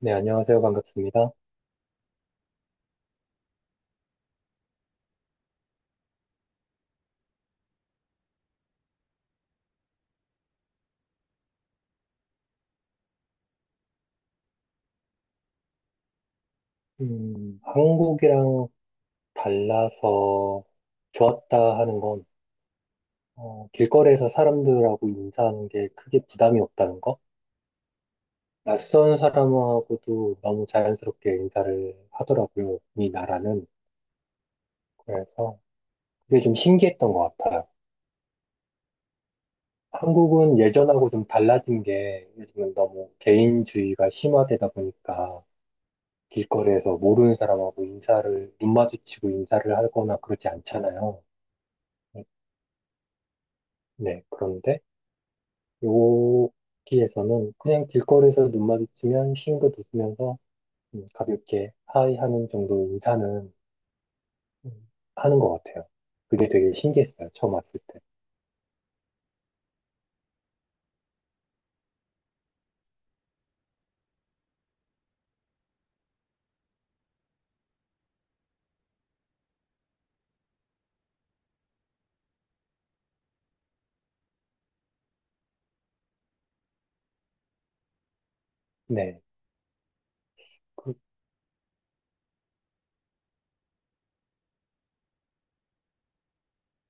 네, 안녕하세요. 반갑습니다. 한국이랑 달라서 좋았다 하는 건, 길거리에서 사람들하고 인사하는 게 크게 부담이 없다는 거? 낯선 사람하고도 너무 자연스럽게 인사를 하더라고요. 이 나라는. 그래서 그게 좀 신기했던 것 같아요. 한국은 예전하고 좀 달라진 게 요즘은 너무 개인주의가 심화되다 보니까 길거리에서 모르는 사람하고 인사를, 눈 마주치고 인사를 하거나 그러지 않잖아요. 네, 그런데 여기에서는 그냥 길거리에서 눈 마주치면 싱긋 웃으면서 가볍게 하이 하는 정도 인사는 음, 하는 것 같아요. 그게 되게 신기했어요. 처음 왔을 때. 네, 그,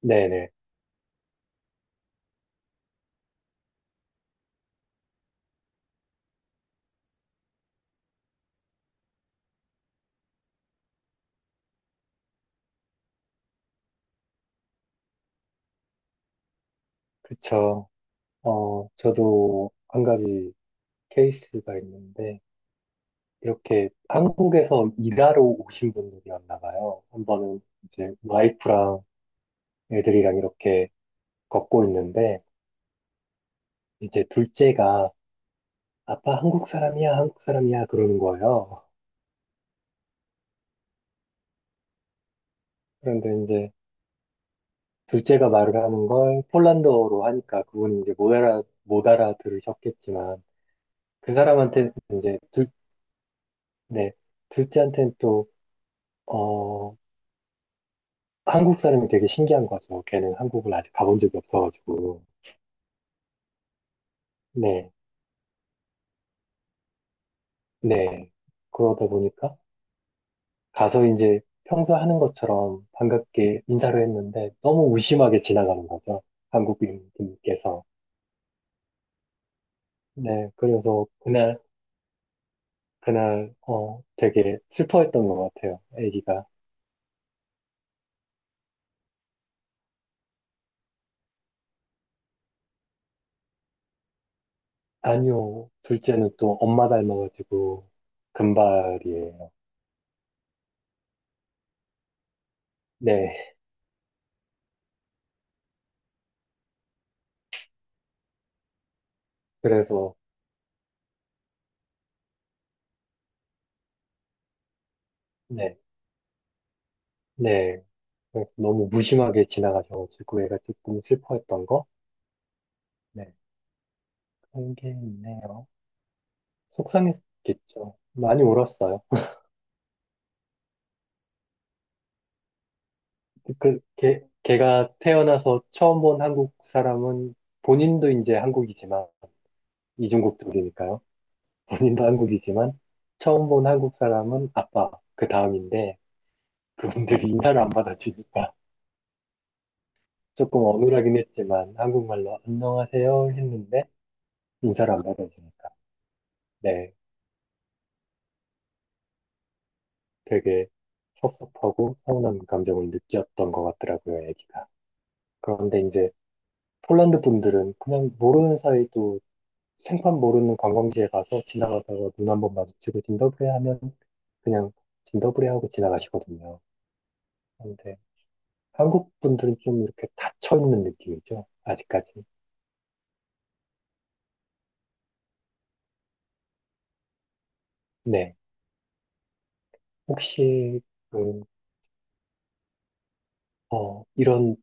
네네, 그쵸. 저도 한 가지 케이스가 있는데 이렇게 한국에서 일하러 오신 분들이었나 봐요. 한 번은 이제 와이프랑 애들이랑 이렇게 걷고 있는데 이제 둘째가 아빠 한국 사람이야, 한국 사람이야, 그러는 거예요. 그런데 이제 둘째가 말을 하는 걸 폴란드어로 하니까 그분이 이제 못 알아들으셨겠지만 그 사람한테 이제 네, 둘째한테는 또, 어, 한국 사람이 되게 신기한 거죠. 걔는 한국을 아직 가본 적이 없어가지고. 네, 네. 그러다 보니까 가서 이제 평소 하는 것처럼 반갑게 인사를 했는데 너무 무심하게 지나가는 거죠. 한국인분께서. 네, 그래서 그날 되게 슬퍼했던 것 같아요. 아기가. 아니요. 둘째는 또 엄마 닮아가지고 금발이에요. 네. 그래서 네. 네. 그래서 너무 무심하게 지나가셔가지고 애가 조금 슬퍼했던 거? 네. 그런 게 있네요. 속상했겠죠. 많이 울었어요. 걔가 태어나서 처음 본 한국 사람은 본인도 이제 한국이지만 이중국적이니까요. 본인도 한국이지만 처음 본 한국 사람은 아빠, 그 다음인데 그분들이 인사를 안 받아주니까 조금 어눌하긴 했지만 한국말로 안녕하세요 했는데 인사를 안 받아주니까 네, 되게 섭섭하고 서운한 감정을 느꼈던 것 같더라고요, 애기가. 그런데 이제 폴란드 분들은 그냥 모르는 사이도 생판 모르는 관광지에 가서 지나가다가 눈 한 번 마주치고 진더브레 하면 그냥 진더브레 하고 지나가시거든요. 근데 한국 분들은 좀 이렇게 닫혀 있는 느낌이죠. 아직까지. 네. 혹시, 음, 이런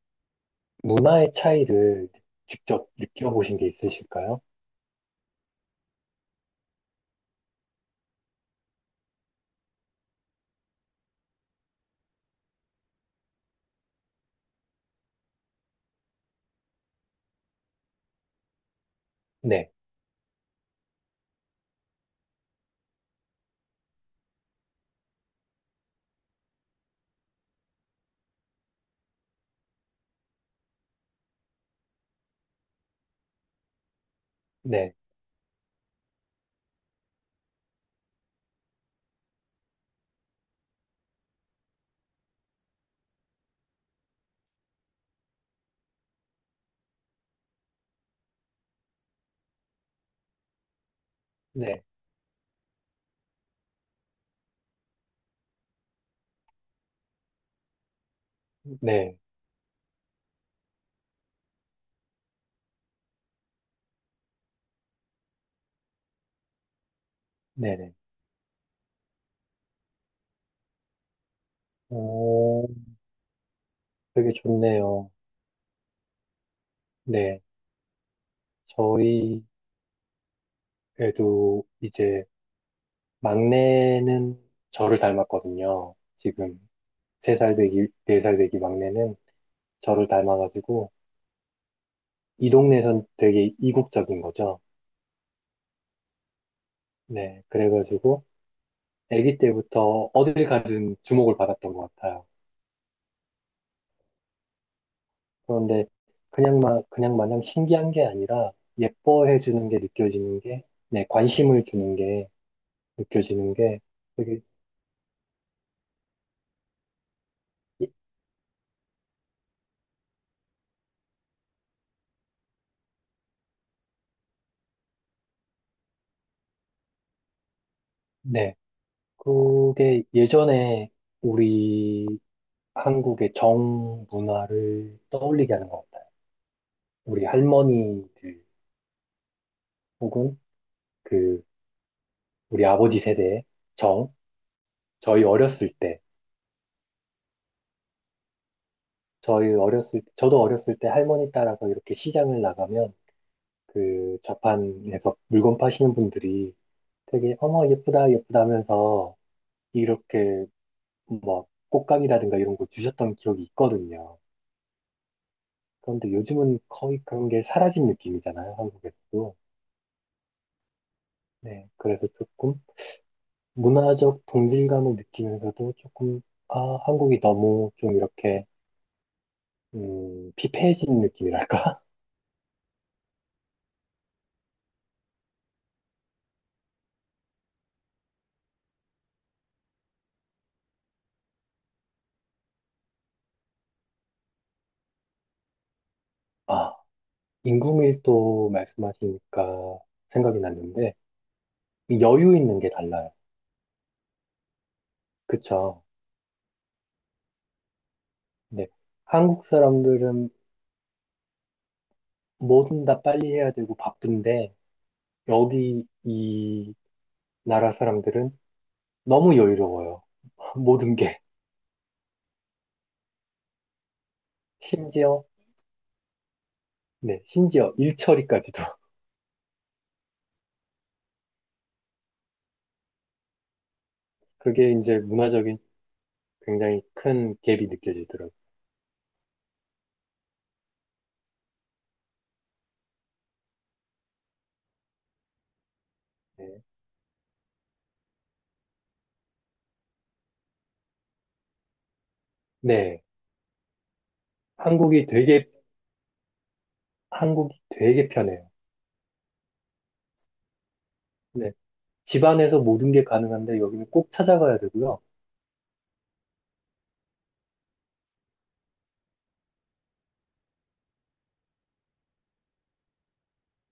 문화의 차이를 직접 느껴보신 게 있으실까요? 네. 네. 네. 네. 네네. 오, 되게 좋네요. 네. 저희 애도 이제 막내는 저를 닮았거든요. 지금 3살 되기, 4살 되기 막내는 저를 닮아가지고 이 동네에선 되게 이국적인 거죠. 네, 그래가지고 아기 때부터 어딜 가든 주목을 받았던 것 같아요. 그런데 그냥 마냥 신기한 게 아니라 예뻐해 주는 게 느껴지는 게, 네, 관심을 주는 게 느껴지는 게 되게, 예- 네, 그게 예전에 우리 한국의 정 문화를 떠올리게 하는 것 같아요. 우리 할머니들 혹은 그 우리 아버지 세대의 정, 저희 어렸을 때 저희 어렸을, 저도 어렸을 때 할머니 따라서 이렇게 시장을 나가면 그 좌판에서 물건 파시는 분들이 되게 어머 예쁘다 예쁘다 하면서 이렇게 뭐 꽃감이라든가 이런 거 주셨던 기억이 있거든요. 그런데 요즘은 거의 그런 게 사라진 느낌이잖아요, 한국에서도. 네, 그래서 조금 문화적 동질감을 느끼면서도 조금 아, 한국이 너무 좀 이렇게 피폐해진 느낌이랄까? 인구밀도 말씀하시니까 생각이 났는데 이 여유 있는 게 달라요. 그쵸? 죠 한국 사람들은 뭐든 다 빨리 해야 되고 바쁜데 여기 이 나라 사람들은 너무 여유로워요. 모든 게 심지어 네 심지어 일처리까지도 그게 이제 문화적인 굉장히 큰 갭이 느껴지더라고요. 네, 네. 한국이 되게 한국이 되게 편해요. 네, 집 안에서 모든 게 가능한데 여기는 꼭 찾아가야 되고요.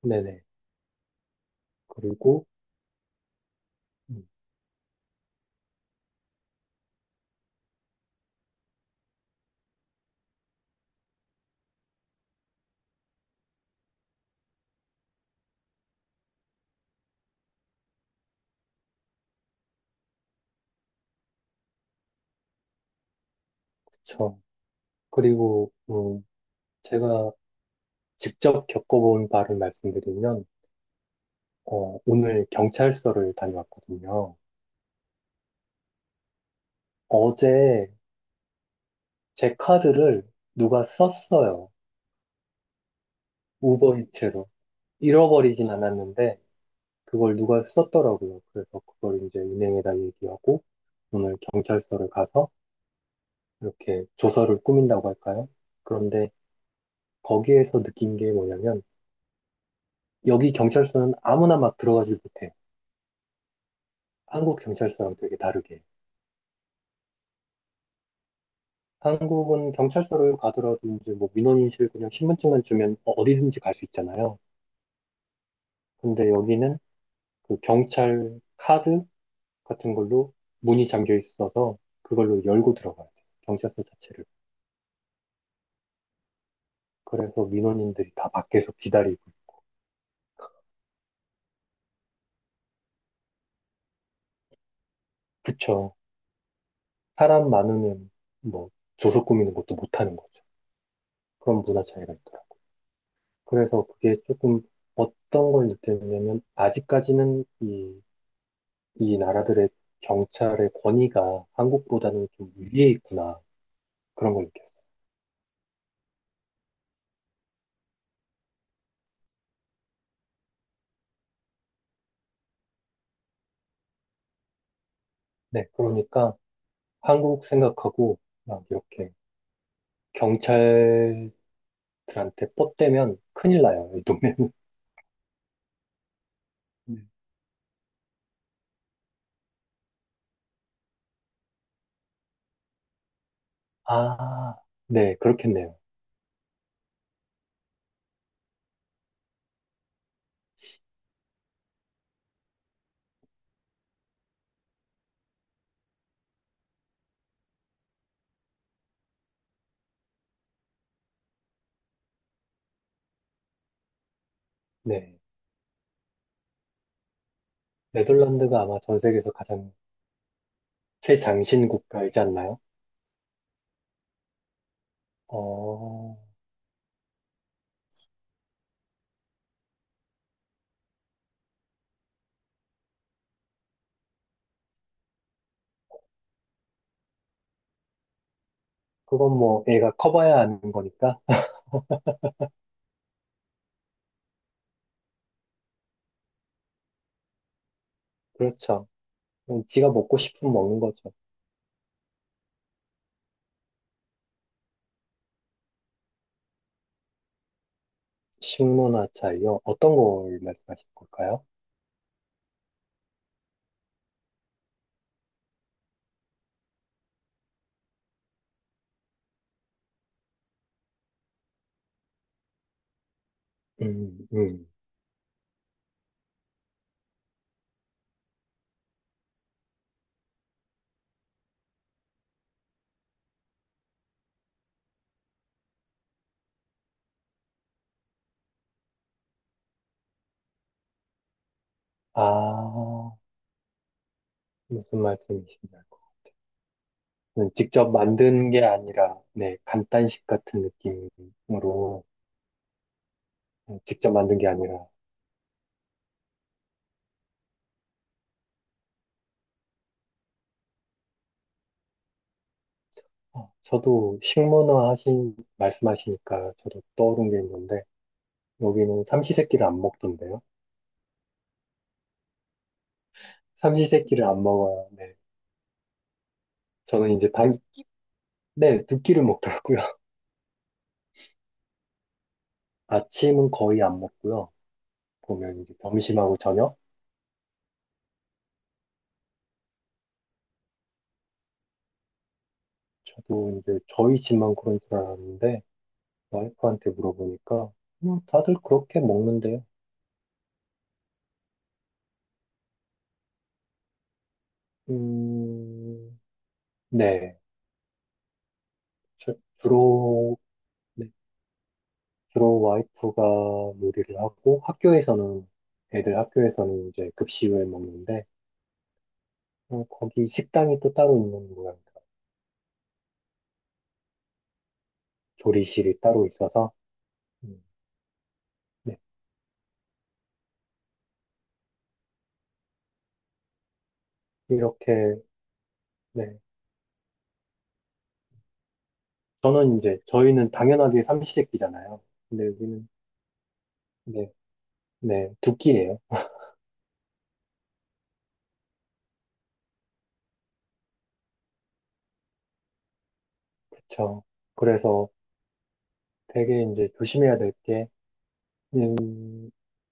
네네. 그리고, 음, 그쵸. 그리고, 제가 직접 겪어본 바를 말씀드리면, 오늘 경찰서를 다녀왔거든요. 어제 제 카드를 누가 썼어요. 우버이츠로. 잃어버리진 않았는데, 그걸 누가 썼더라고요. 그래서 그걸 이제 은행에다 얘기하고, 오늘 경찰서를 가서 이렇게 조서를 꾸민다고 할까요? 그런데 거기에서 느낀 게 뭐냐면, 여기 경찰서는 아무나 막 들어가지 못해요. 한국 경찰서랑 되게 다르게. 한국은 경찰서를 가더라도 이제 뭐 민원인실 그냥 신분증만 주면 어디든지 갈 수 있잖아요. 근데 여기는 그 경찰 카드 같은 걸로 문이 잠겨 있어서 그걸로 열고 들어가야 돼요. 경찰서 자체를. 그래서 민원인들이 다 밖에서 기다리고. 그쵸. 사람 많으면 뭐 조서 꾸미는 것도 못하는 거죠. 그런 문화 차이가 있더라고요. 그래서 그게 조금 어떤 걸 느꼈냐면 아직까지는 이 나라들의 경찰의 권위가 한국보다는 좀 위에 있구나. 그런 걸 느꼈어요. 네, 그러니까 한국 생각하고 막 이렇게 경찰들한테 뻗대면 큰일 나요. 이 동네는. 네. 아, 네, 그렇겠네요. 네. 네덜란드가 아마 전 세계에서 가장 최장신 국가이지 않나요? 어, 그건 뭐 애가 커봐야 아는 거니까. 그렇죠. 그럼 지가 먹고 싶으면 먹는 거죠. 식문화 차이요. 어떤 걸 말씀하실 걸까요? 음, 음. 아, 무슨 말씀이신지 알 것. 같아요. 직접 만든 게 아니라, 네, 간단식 같은 느낌으로 직접 만든 게 아니라, 저도 말씀하시니까 저도 떠오른 게 있는데, 여기는 삼시세끼를 안 먹던데요? 삼시세끼를 안 먹어요. 네. 저는 이제 네, 두 끼를 먹더라고요. 아침은 거의 안 먹고요. 보면 이제 점심하고 저녁? 저도 이제 저희 집만 그런 줄 알았는데, 와이프한테 물어보니까 뭐 다들 그렇게 먹는데요. 음, 네. 주, 로 주로 와이프가 요리를 하고 학교에서는 애들 학교에서는 이제 급식을 먹는데 거기 식당이 또 따로 있는 모양이다. 조리실이 따로 있어서 음, 네. 이렇게 네. 저는 이제 저희는 당연하게 삼시세끼잖아요. 근데 여기는 네. 네. 두 끼예요. 그렇죠. 그래서 되게 이제 조심해야 될게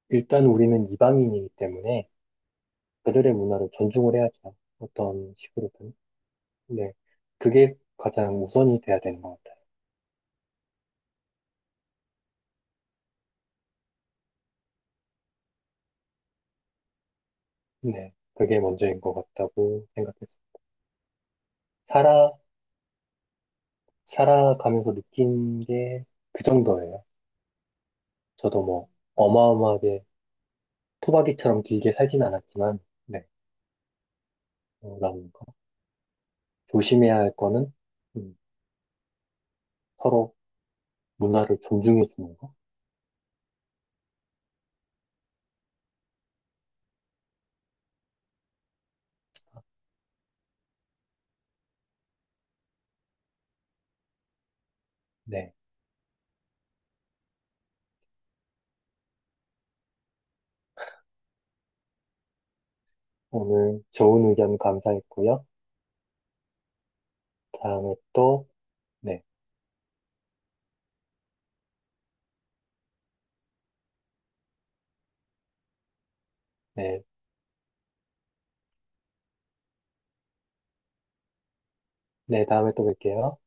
일단 우리는 이방인이기 때문에 그들의 문화를 존중을 해야죠. 어떤 식으로든. 네. 그게 가장 우선이 돼야 되는 것 같아요. 네. 그게 먼저인 것 같다고 생각했어요. 살아, 살아가면서 느낀 게 그 정도예요. 저도 뭐 어마어마하게 토박이처럼 길게 살진 않았지만, 네. 라는 거. 조심해야 할 거는, 음, 서로 문화를 존중해 주는 거. 네. 오늘 좋은 의견 감사했고요. 다음에 또, 네. 네. 네, 다음에 또 뵐게요.